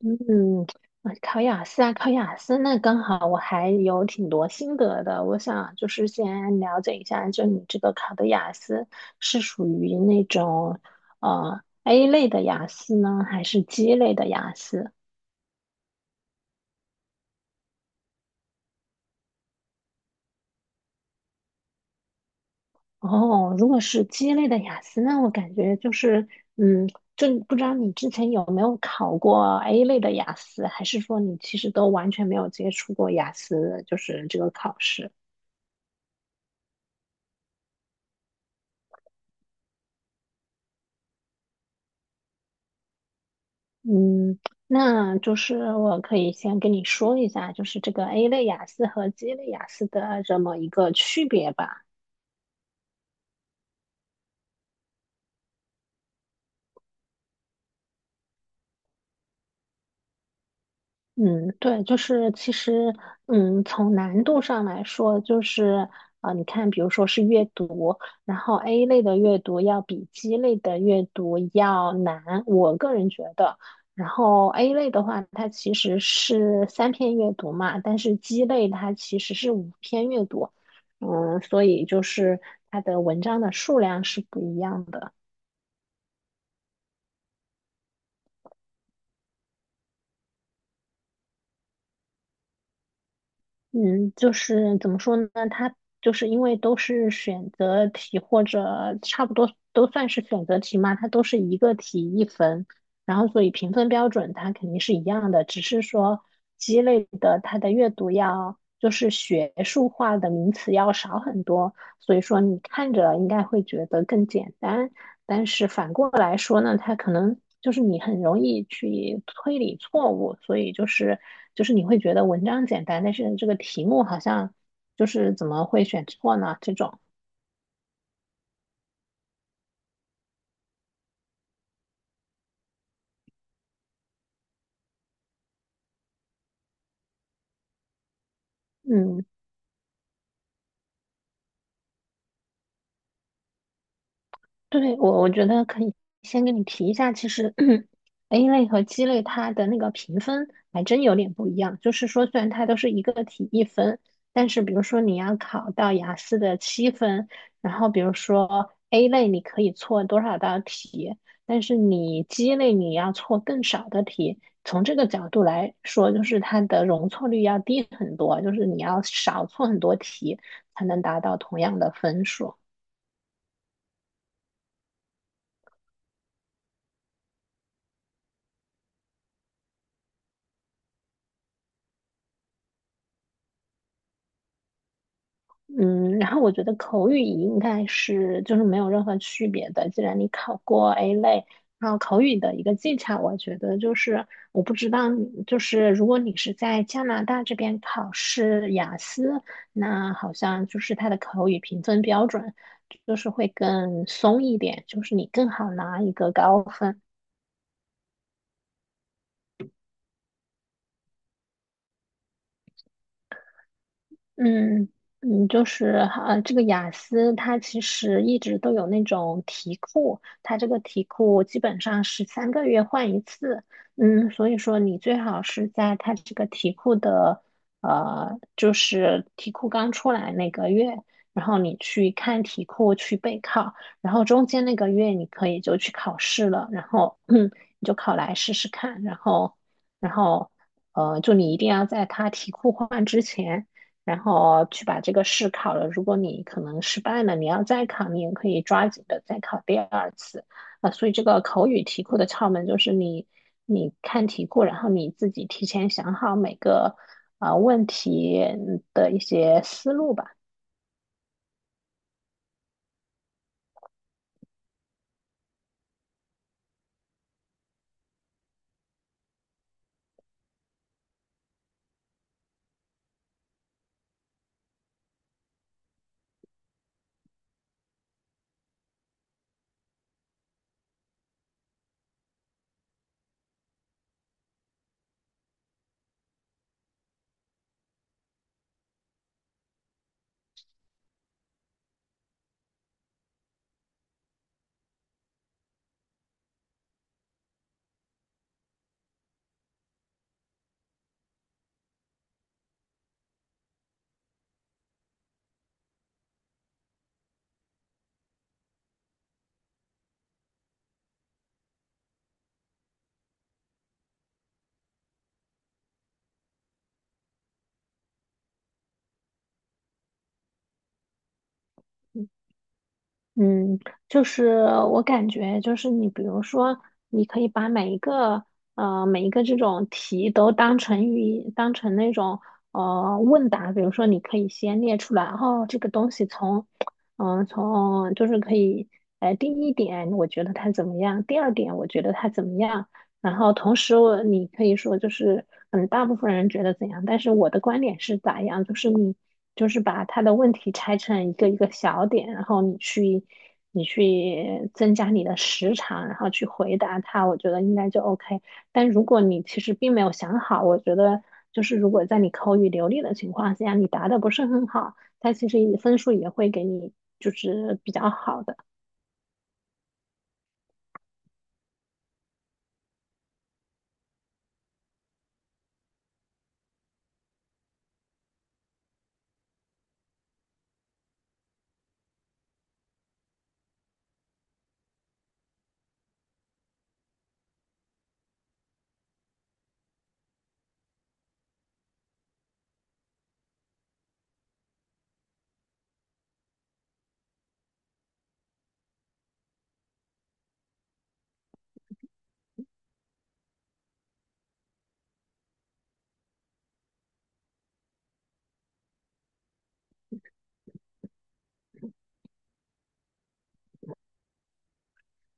嗯，考雅思，那刚好我还有挺多心得的。我想就是先了解一下，就你这个考的雅思是属于那种A 类的雅思呢，还是 G 类的雅思？哦，如果是 G 类的雅思，那我感觉就是嗯，就不知道你之前有没有考过 A 类的雅思，还是说你其实都完全没有接触过雅思，就是这个考试？嗯，那就是我可以先跟你说一下，就是这个 A 类雅思和 G 类雅思的这么一个区别吧。嗯，对，就是其实，从难度上来说，就是你看，比如说是阅读，然后 A 类的阅读要比 G 类的阅读要难，我个人觉得。然后 A 类的话，它其实是3篇阅读嘛，但是 G 类它其实是5篇阅读，所以就是它的文章的数量是不一样的。嗯，就是怎么说呢？它就是因为都是选择题或者差不多都算是选择题嘛，它都是一个题一分，然后所以评分标准它肯定是一样的，只是说鸡肋的它的阅读要就是学术化的名词要少很多，所以说你看着应该会觉得更简单。来说呢，它可能就是你很容易去推理错误，所以就是你会觉得文章简单，但是这个题目好像就是怎么会选错呢？这种，嗯。对，我觉得可以先跟你提一下，其实 A 类和 G 类它的那个评分还真有点不一样。就是说，虽然它都是一个题一分，但是比如说你要考到雅思的7分，然后比如说 A 类你可以错多少道题，但是你 G 类你要错更少的题。从这个角度来说，就是它的容错率要低很多，就是你要少错很多题才能达到同样的分数。嗯，然后我觉得口语应该是就是没有任何区别的。既然你考过 A 类，然后口语的一个技巧，我觉得就是我不知道你，就是如果你是在加拿大这边考试雅思，那好像就是它的口语评分标准就是会更松一点，就是你更好拿一个高分。嗯嗯，就是这个雅思它其实一直都有那种题库，它这个题库基本上是3个月换一次，所以说你最好是在它这个题库的就是题库刚出来那个月，然后你去看题库去备考，然后中间那个月你可以就去考试了，然后 你就考来试试看，然后就你一定要在它题库换之前。然后去把这个试考了。如果你可能失败了，你要再考，你也可以抓紧的再考第二次。所以这个口语题库的窍门就是你看题库，然后你自己提前想好每个问题的一些思路吧。嗯嗯，就是我感觉就是你，比如说，你可以把每一个这种题都当成那种问答，比如说你可以先列出来，哦，这个东西从就是可以第一点我觉得它怎么样，第二点我觉得它怎么样，然后同时你可以说就是，大部分人觉得怎样，但是我的观点是咋样，就是你就是把他的问题拆成一个一个小点，然后你去增加你的时长，然后去回答他，我觉得应该就 OK。但如果你其实并没有想好，我觉得就是如果在你口语流利的情况下，你答的不是很好，他其实也分数也会给你就是比较好的。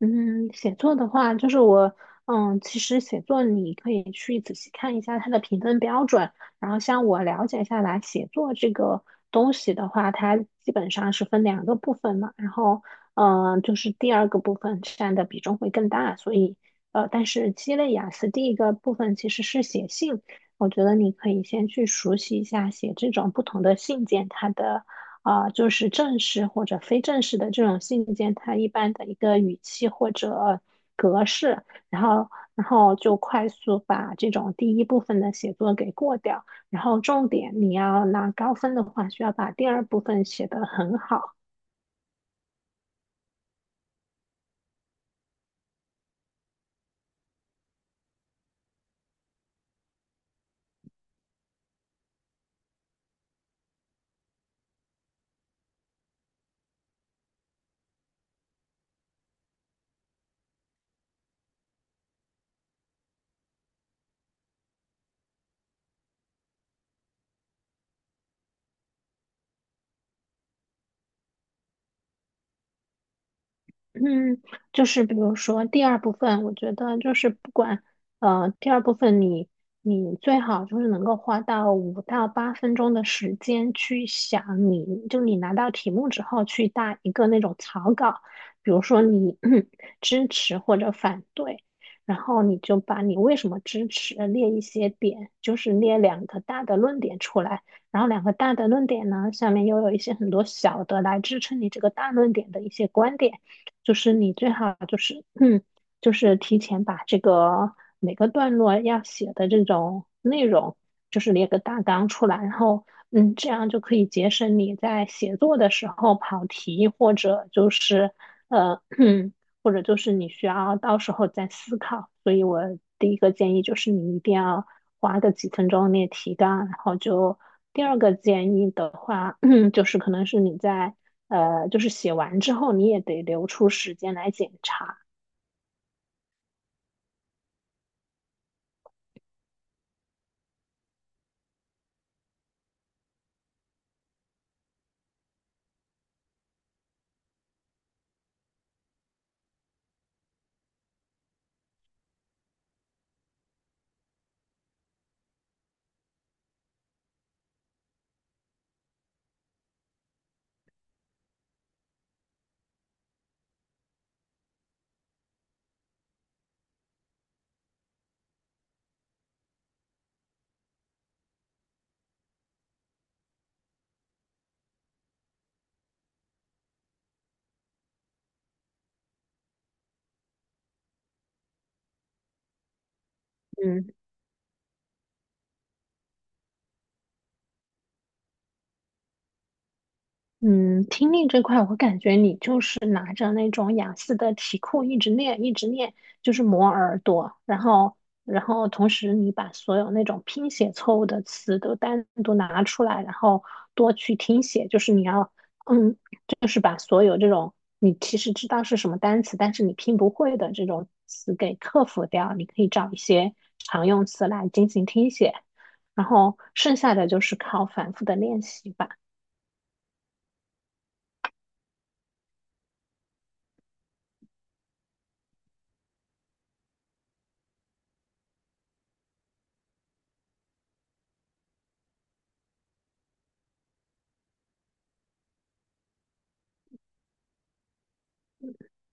嗯，写作的话，就是我，嗯，其实写作你可以去仔细看一下它的评分标准，然后像我了解下来，写作这个东西的话，它基本上是分两个部分嘛，然后，就是第二个部分占的比重会更大，所以，但是鸡肋雅思第一个部分其实是写信，我觉得你可以先去熟悉一下写这种不同的信件它的。就是正式或者非正式的这种信件，它一般的一个语气或者格式，然后就快速把这种第一部分的写作给过掉，然后重点你要拿高分的话，需要把第二部分写得很好。嗯，就是比如说第二部分，我觉得就是不管呃，第二部分你最好就是能够花到5到8分钟的时间去想你，就你拿到题目之后去打一个那种草稿，比如说你 支持或者反对，然后你就把你为什么支持列一些点，就是列两个大的论点出来，然后两个大的论点呢，下面又有一些很多小的来支撑你这个大论点的一些观点。就是你最好就是就是提前把这个每个段落要写的这种内容，就是列个大纲出来，然后这样就可以节省你在写作的时候跑题，或者就是呃，或者就是你需要到时候再思考。所以我第一个建议就是你一定要花个几分钟列提纲，然后就第二个建议的话，就是可能是你在。就是写完之后你也得留出时间来检查。嗯。嗯，听力这块，我感觉你就是拿着那种雅思的题库一直练，一直练，就是磨耳朵，然后同时你把所有那种拼写错误的词都单独拿出来，然后多去听写，就是你要，嗯，就是把所有这种你其实知道是什么单词，但是你拼不会的这种词给克服掉。你可以找一些常用词来进行听写，然后剩下的就是靠反复的练习吧。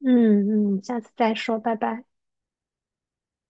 嗯嗯，下次再说，拜拜。